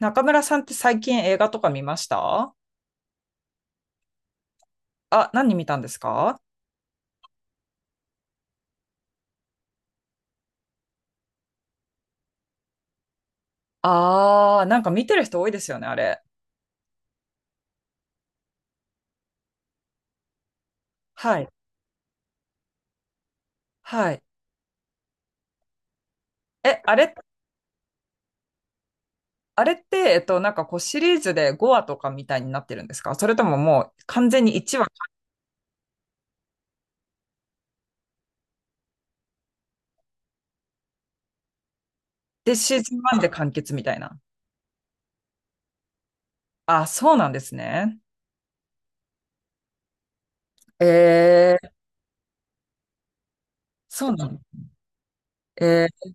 中村さんって最近映画とか見ました？あ、何見たんですか？なんか見てる人多いですよね、あれ。はい。はい。え、あれって、なんかこうシリーズで5話とかみたいになってるんですか？それとももう完全に1話でシーズンワンで完結みたいな。あ、そうなんですね。えー、そうなの。えー、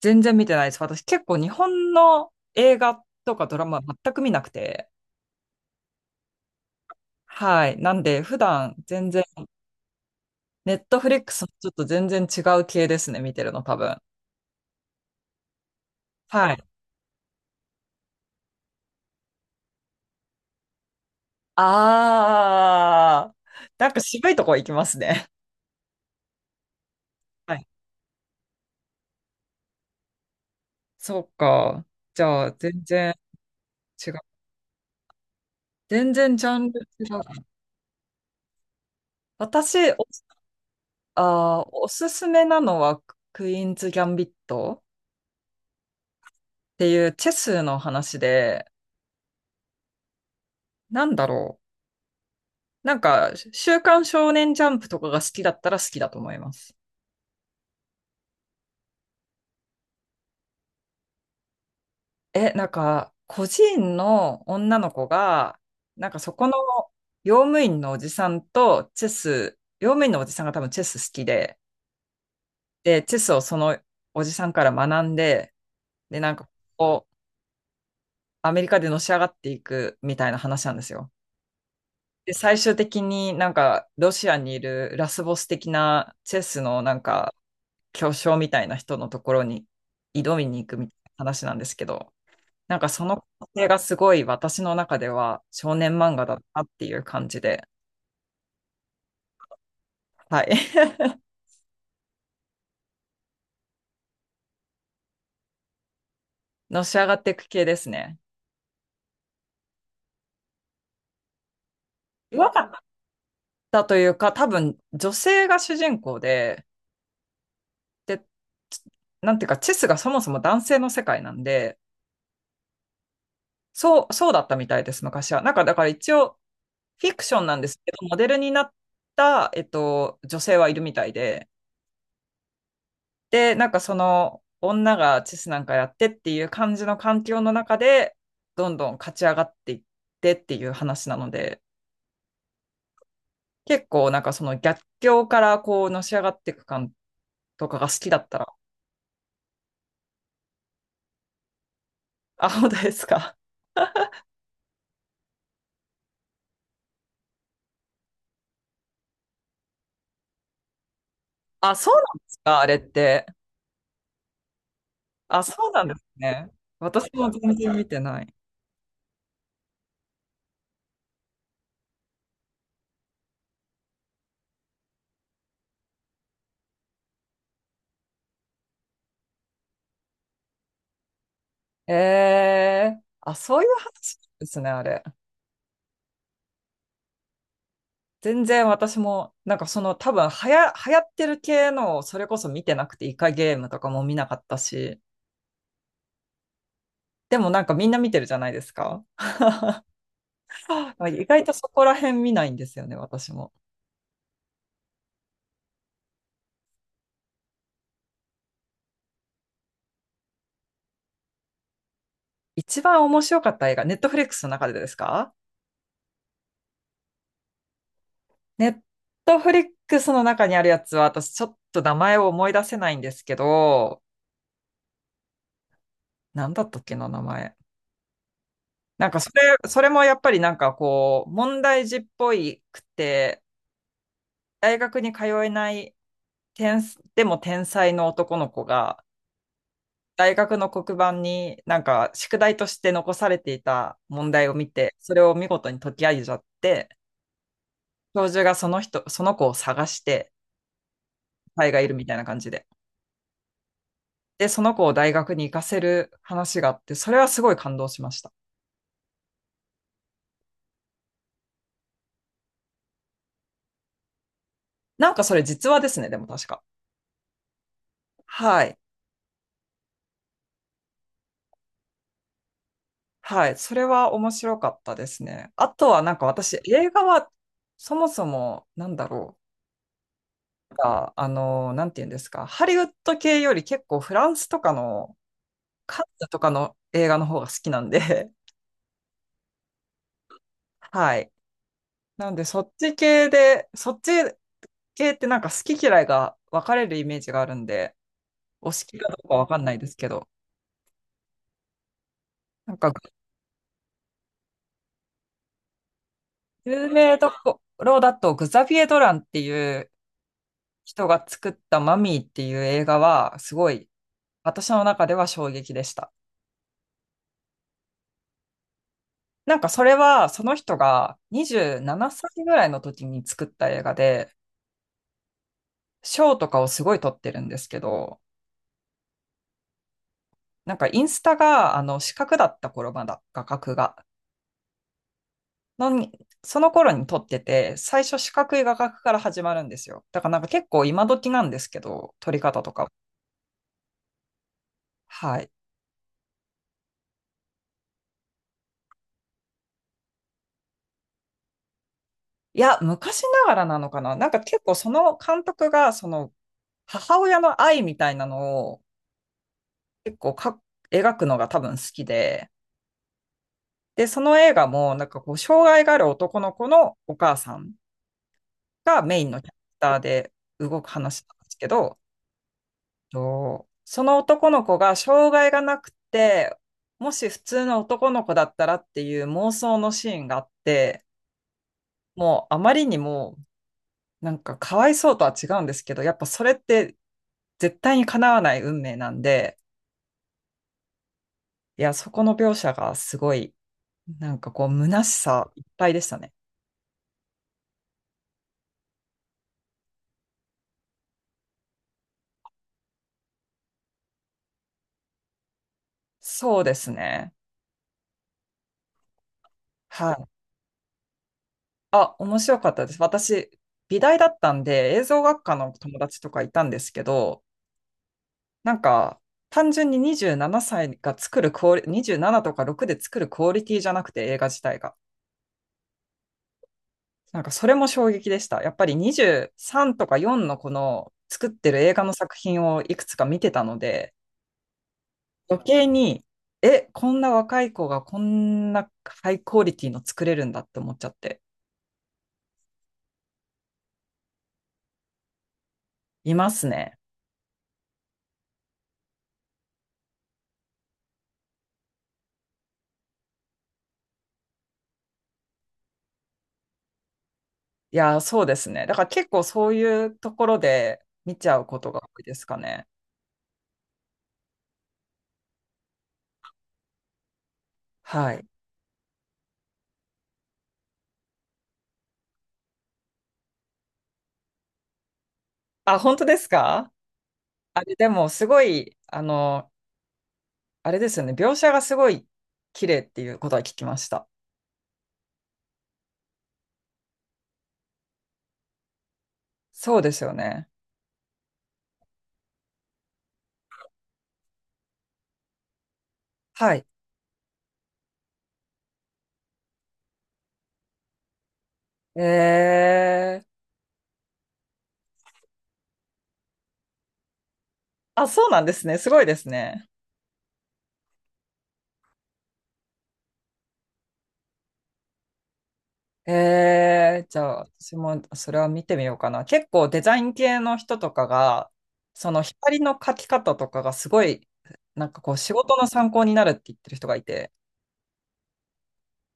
全然見てないです。私結構日本の映画とかドラマ全く見なくて。はい。なんで普段全然ネットフリックスちょっと全然違う系ですね、見てるの、多分。はい。あー、なんか渋いとこ行きますね。はい。そうか。じゃあ、全然違う。全然ジャンル違う。私、お、あー、おすすめなのは、クイーンズ・ギャンビットっていうチェスの話で、なんだろう。なんか、週刊少年ジャンプとかが好きだったら好きだと思います。え、なんか、個人の女の子が、なんかそこの用務員のおじさんとチェス、用務員のおじさんが多分チェス好きで、で、チェスをそのおじさんから学んで、で、なんかこう、アメリカでのし上がっていくみたいな話なんですよ。で、最終的になんかロシアにいるラスボス的なチェスのなんか巨匠みたいな人のところに挑みに行くみたいな話なんですけど、なんかその過程がすごい私の中では少年漫画だったっていう感じで、はい。のし上がっていく系ですね。違和感だというか、多分女性が主人公で、で、なんていうか、チェスがそもそも男性の世界なんで、そう、そうだったみたいです、昔は。なんかだから一応、フィクションなんですけど、モデルになった、女性はいるみたいで、で、なんかその女がチェスなんかやってっていう感じの環境の中で、どんどん勝ち上がっていってっていう話なので、結構なんかその逆境からこうのし上がっていく感とかが好きだったら、あ、本当ですか？あ、そうなんですか、あれって？あ、そうなんですね。私も全然見てない。えー、あ、そういう話なんですね、あれ。全然私も、なんかその多分流行ってる系の、それこそ見てなくてイカゲームとかも見なかったし、でもなんかみんな見てるじゃないですか。あ、意外とそこら辺見ないんですよね、私も。一番面白かった映画、ネットフリックスの中でですか？ネットフリックスの中にあるやつは、私ちょっと名前を思い出せないんですけど、なんだったっけな、名前。なんかそれもやっぱりなんかこう、問題児っぽいくて、大学に通えないでも天才の男の子が、大学の黒板になんか宿題として残されていた問題を見て、それを見事に解き上げちゃって、教授がその人、その子を探して、才がいるみたいな感じで。で、その子を大学に行かせる話があって、それはすごい感動しました。なんかそれ実話ですね、でも確か。はい。はい。それは面白かったですね。あとはなんか私、映画はそもそもなんだろう。か、あの、なんて言うんですか、ハリウッド系より結構フランスとかの、カンヌとかの映画の方が好きなんで、はい。なんで、そっち系ってなんか好き嫌いが分かれるイメージがあるんで、お好きかどうか分かんないですけど、なんか、有名どころだと、グザビエ・ドランっていう人が作ったマミーっていう映画は、すごい、私の中では衝撃でした。なんかそれはその人が27歳ぐらいの時に作った映画で、賞とかをすごい取ってるんですけど、なんかインスタが、四角だった頃まだ、画角が。のに、その頃に撮ってて、最初四角い画角から始まるんですよ。だからなんか結構今時なんですけど、撮り方とか。はい。いや、昔ながらなのかな？なんか結構その監督が、その母親の愛みたいなのを結構描くのが多分好きで、で、その映画もなんかこう、障害がある男の子のお母さんがメインのキャラクターで動く話なんですけど、とその男の子が障害がなくて、もし普通の男の子だったらっていう妄想のシーンがあって、もうあまりにもなんかかわいそうとは違うんですけど、やっぱそれって絶対に叶わない運命なんで、いや、そこの描写がすごい、なんかこう、虚しさいっぱいでしたね。そうですね。はい。あ、面白かったです。私、美大だったんで、映像学科の友達とかいたんですけど、なんか、単純に27歳が作るクオリ、27とか6で作るクオリティじゃなくて映画自体が。なんか、それも衝撃でした。やっぱり23とか4のこの作ってる映画の作品をいくつか見てたので、余計に、え、こんな若い子がこんなハイクオリティの作れるんだって思っちゃって、いますね。いやー、そうですね。だから結構そういうところで見ちゃうことが多いですかね。はい。あ、本当ですか？あれ、でもすごい、あれですよね。描写がすごい綺麗っていうことは聞きました。そうですよね。はい。えー、あ、そうなんですね。すごいですね。えー、じゃあ私もそれは見てみようかな。結構デザイン系の人とかが、その光の描き方とかがすごい、なんかこう仕事の参考になるって言ってる人がいて、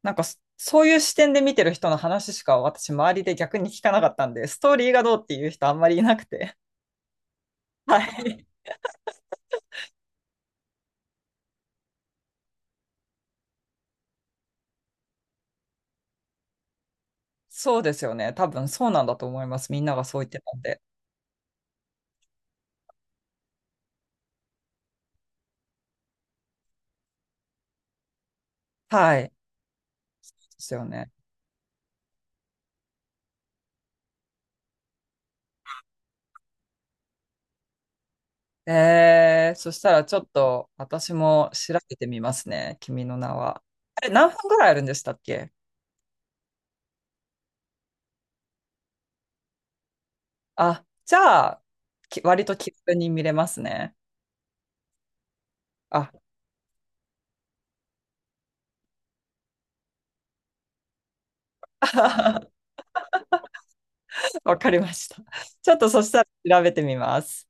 なんかそういう視点で見てる人の話しか私、周りで逆に聞かなかったんで、ストーリーがどうっていう人あんまりいなくて。はい。そうですよね。多分そうなんだと思います。みんながそう言ってたんで。はい。ですよね。えー、そしたらちょっと私も調べてみますね。君の名は。あれ、何分ぐらいあるんでしたっけ？あ、じゃあ、割と気軽に見れますね。あ、わかりました。ちょっとそしたら調べてみます。